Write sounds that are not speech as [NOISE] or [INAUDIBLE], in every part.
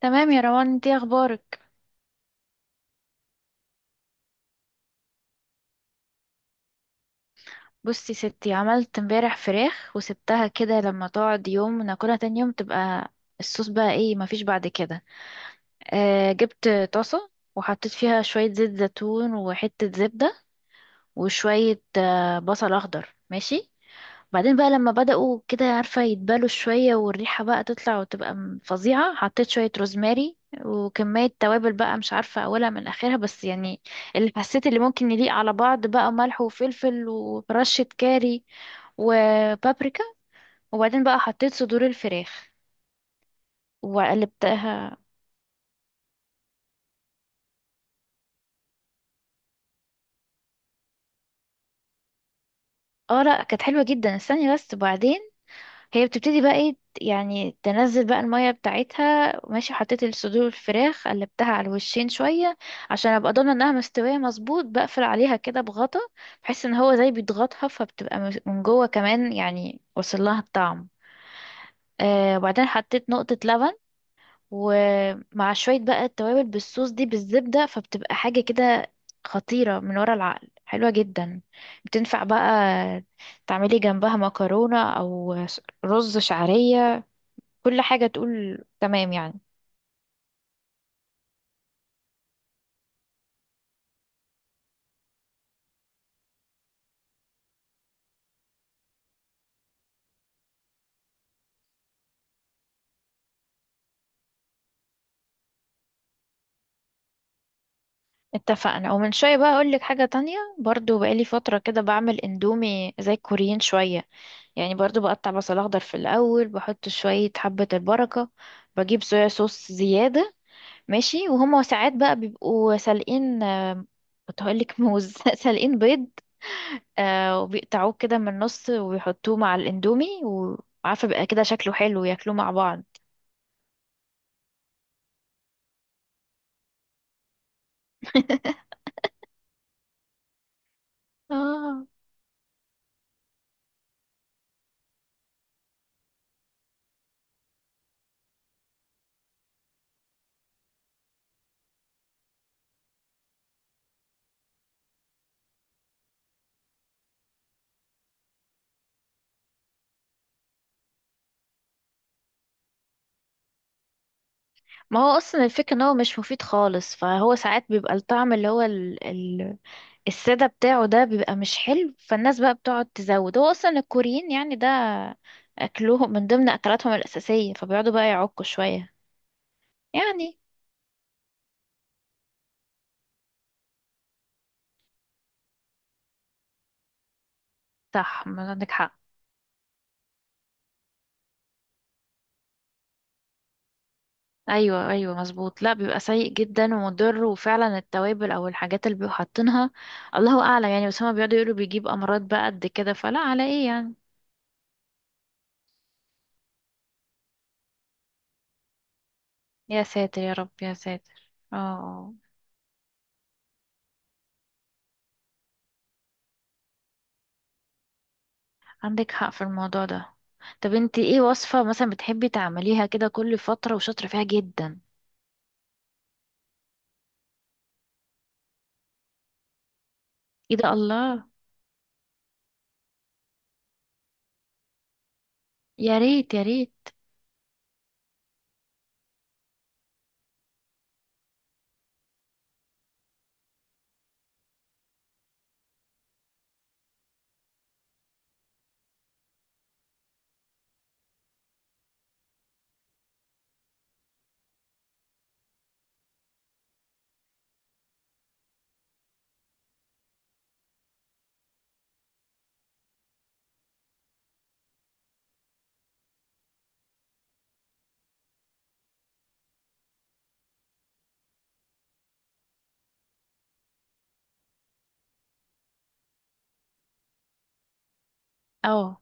تمام يا روان، انتي اخبارك؟ بصي ستي، عملت امبارح فراخ وسبتها كده لما تقعد يوم وناكلها تاني يوم تبقى الصوص بقى ايه. مفيش بعد كده. جبت طاسة وحطيت فيها شوية زيت زيتون وحتة زبدة وشوية بصل اخضر، ماشي. بعدين بقى لما بدأوا كده، عارفة، يتبالوا شوية والريحة بقى تطلع وتبقى فظيعة، حطيت شوية روزماري وكمية توابل بقى مش عارفة أولها من آخرها، بس يعني اللي حسيت اللي ممكن يليق على بعض بقى ملح وفلفل ورشة كاري وبابريكا. وبعدين بقى حطيت صدور الفراخ وقلبتها. اه لا، كانت حلوة جدا. استني بس، وبعدين هي بتبتدي بقى ايه يعني، تنزل بقى المية بتاعتها، ماشي. حطيت الصدور الفراخ، قلبتها على الوشين شوية عشان ابقى ضامنة انها مستوية مظبوط، بقفل عليها كده بغطا بحيث ان هو زي بيضغطها، فبتبقى من جوه كمان، يعني وصل لها الطعم. وبعدين حطيت نقطة لبن ومع شوية بقى التوابل بالصوص دي بالزبدة، فبتبقى حاجة كده خطيرة من ورا العقل، حلوة جدا. بتنفع بقى تعملي جنبها مكرونة أو رز شعرية، كل حاجة تقول تمام يعني. اتفقنا. ومن شوية بقى أقولك حاجة تانية برضو، بقالي فترة كده بعمل اندومي زي الكوريين شوية يعني. برضو بقطع بصل أخضر في الأول، بحط شوية حبة البركة، بجيب صويا صوص زيادة، ماشي. وهما ساعات بقى بيبقوا سالقين، كنت هقولك موز [LAUGHS] سالقين بيض، وبيقطعوه كده من النص وبيحطوه مع الاندومي، وعارفة بقى كده شكله حلو، ياكلوه مع بعض. [LAUGHS] آه. ما هو اصلا الفكرة ان هو مش مفيد خالص، فهو ساعات بيبقى الطعم اللي هو السادة بتاعه ده بيبقى مش حلو، فالناس بقى بتقعد تزود. هو اصلا الكوريين يعني ده اكلهم من ضمن اكلاتهم الاساسية، فبيقعدوا بقى يعكوا شوية يعني. صح، ما عندك حق. ايوه ايوه مظبوط، لا بيبقى سيء جدا ومضر، وفعلا التوابل او الحاجات اللي بيبقوا حاطينها الله اعلم يعني، بس هما بيقعدوا يقولوا بيجيب امراض بقى قد كده، فلا على ايه يعني. يا ساتر يا رب يا ساتر. اه آه. عندك حق في الموضوع ده. طب انت ايه وصفة مثلا بتحبي تعمليها كده كل فترة وشاطرة فيها جدا؟ ايه ده، الله. يا ريت يا ريت. اه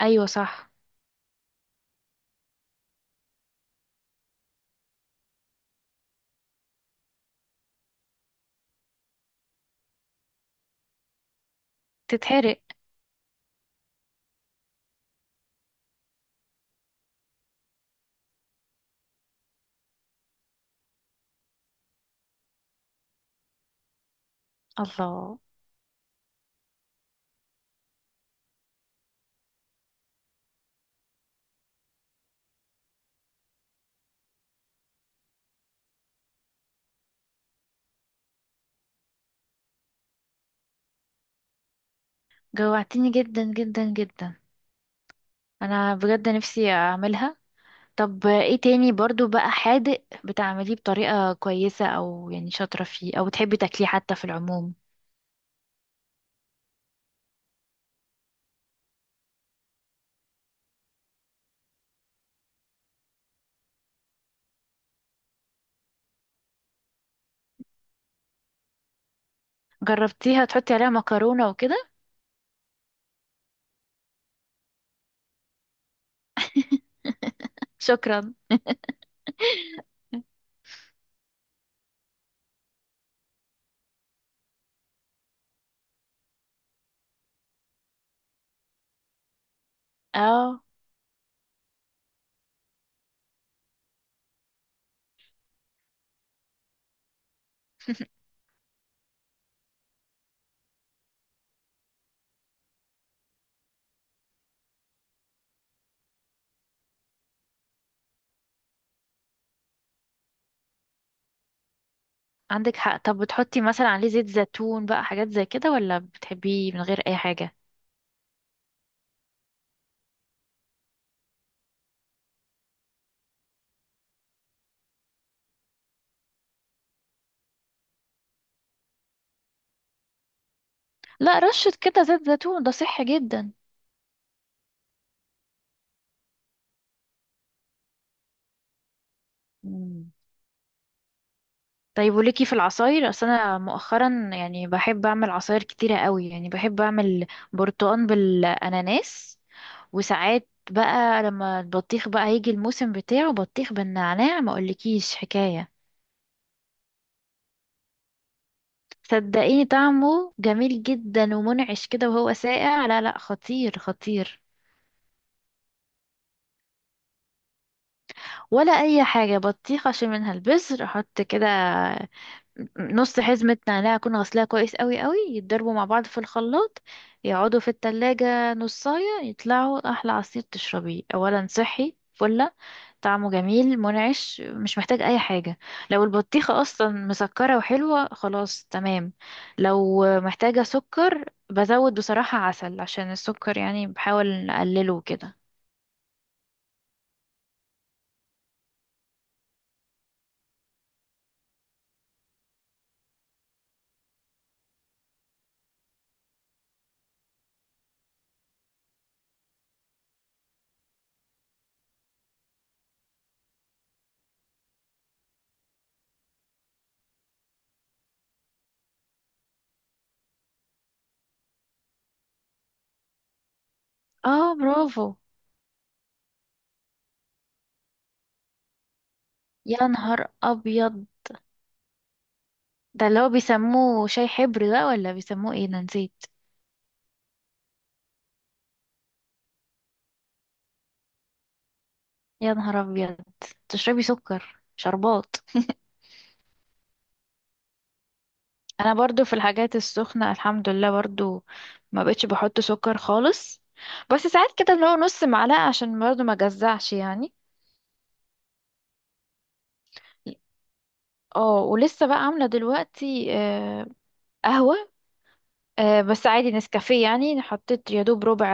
ايوه صح. تتحرق. الله، جوعتيني جدا جدا جدا. انا بجد نفسي اعملها. طب ايه تاني برضو بقى حادق بتعمليه بطريقة كويسة، او يعني شاطرة فيه، او بتحبي تاكليه حتى في العموم؟ جربتيها تحطي عليها مكرونة وكده؟ شكرا. [LAUGHS] اه. عندك حق. طب بتحطي مثلا عليه زيت زيتون بقى، حاجات زي كده، ولا بتحبيه من غير اي حاجة؟ لا، رشة كده زيت زيتون ده صحي جدا. مم. طيب، وليكي في العصاير؟ اصل انا مؤخرا يعني بحب اعمل عصاير كتيرة قوي، يعني بحب اعمل برتقان بالاناناس، وساعات بقى لما البطيخ بقى يجي الموسم بتاعه بطيخ بالنعناع، ما اقولكيش حكاية. صدقيني طعمه جميل جدا ومنعش كده، وهو ساقع لا لا، خطير خطير. ولا اي حاجه، بطيخه اشيل منها البذر، احط كده نص حزمه نعناع اكون غسلاها كويس قوي قوي، يتضربوا مع بعض في الخلاط، يقعدوا في التلاجة نصاية، يطلعوا احلى عصير تشربيه. اولا صحي فله، طعمه جميل منعش، مش محتاج اي حاجه. لو البطيخه اصلا مسكره وحلوه خلاص تمام، لو محتاجه سكر بزود بصراحه عسل، عشان السكر يعني بحاول اقلله كده. اه، برافو. يا نهار ابيض. ده اللي هو بيسموه شاي حبر ده، ولا بيسموه ايه ده، نسيت. يا نهار ابيض، تشربي سكر شربات. انا برضو في الحاجات السخنة الحمد لله، برضو ما بقتش بحط سكر خالص، بس ساعات كده اللي هو نص معلقة عشان برضو ما جزعش يعني. اه، ولسه بقى عاملة دلوقتي قهوة. بس عادي نسكافيه يعني، حطيت يا دوب ربع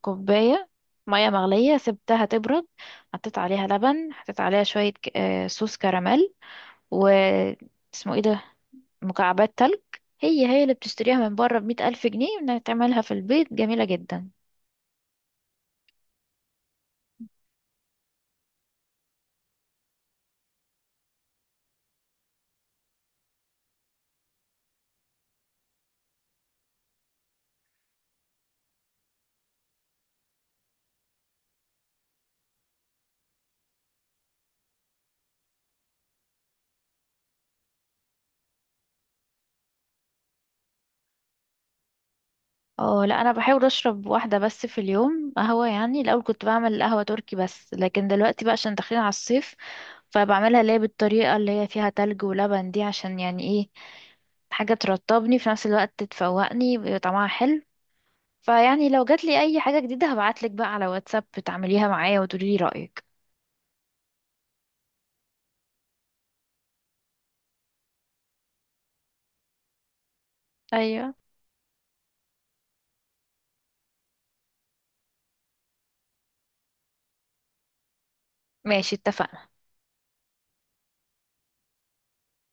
كوباية مية مغلية سبتها تبرد، حطيت عليها لبن، حطيت عليها شوية صوص كراميل، و اسمه ايه ده، مكعبات تلج. هي هي اللي بتشتريها من بره ب100,000 جنيه، انك تعملها في البيت جميلة جدا. اه لا، انا بحاول اشرب واحدة بس في اليوم قهوة يعني، الاول كنت بعمل قهوة تركي، بس لكن دلوقتي بقى عشان داخلين على الصيف، فبعملها اللي هي بالطريقة اللي هي فيها تلج ولبن دي، عشان يعني ايه، حاجة ترطبني في نفس الوقت تفوقني ويبقى طعمها حلو. فيعني لو جاتلي اي حاجة جديدة هبعتلك بقى على واتساب تعمليها معايا وتقولي لي رأيك. ايوه، ماشي، اتفقنا.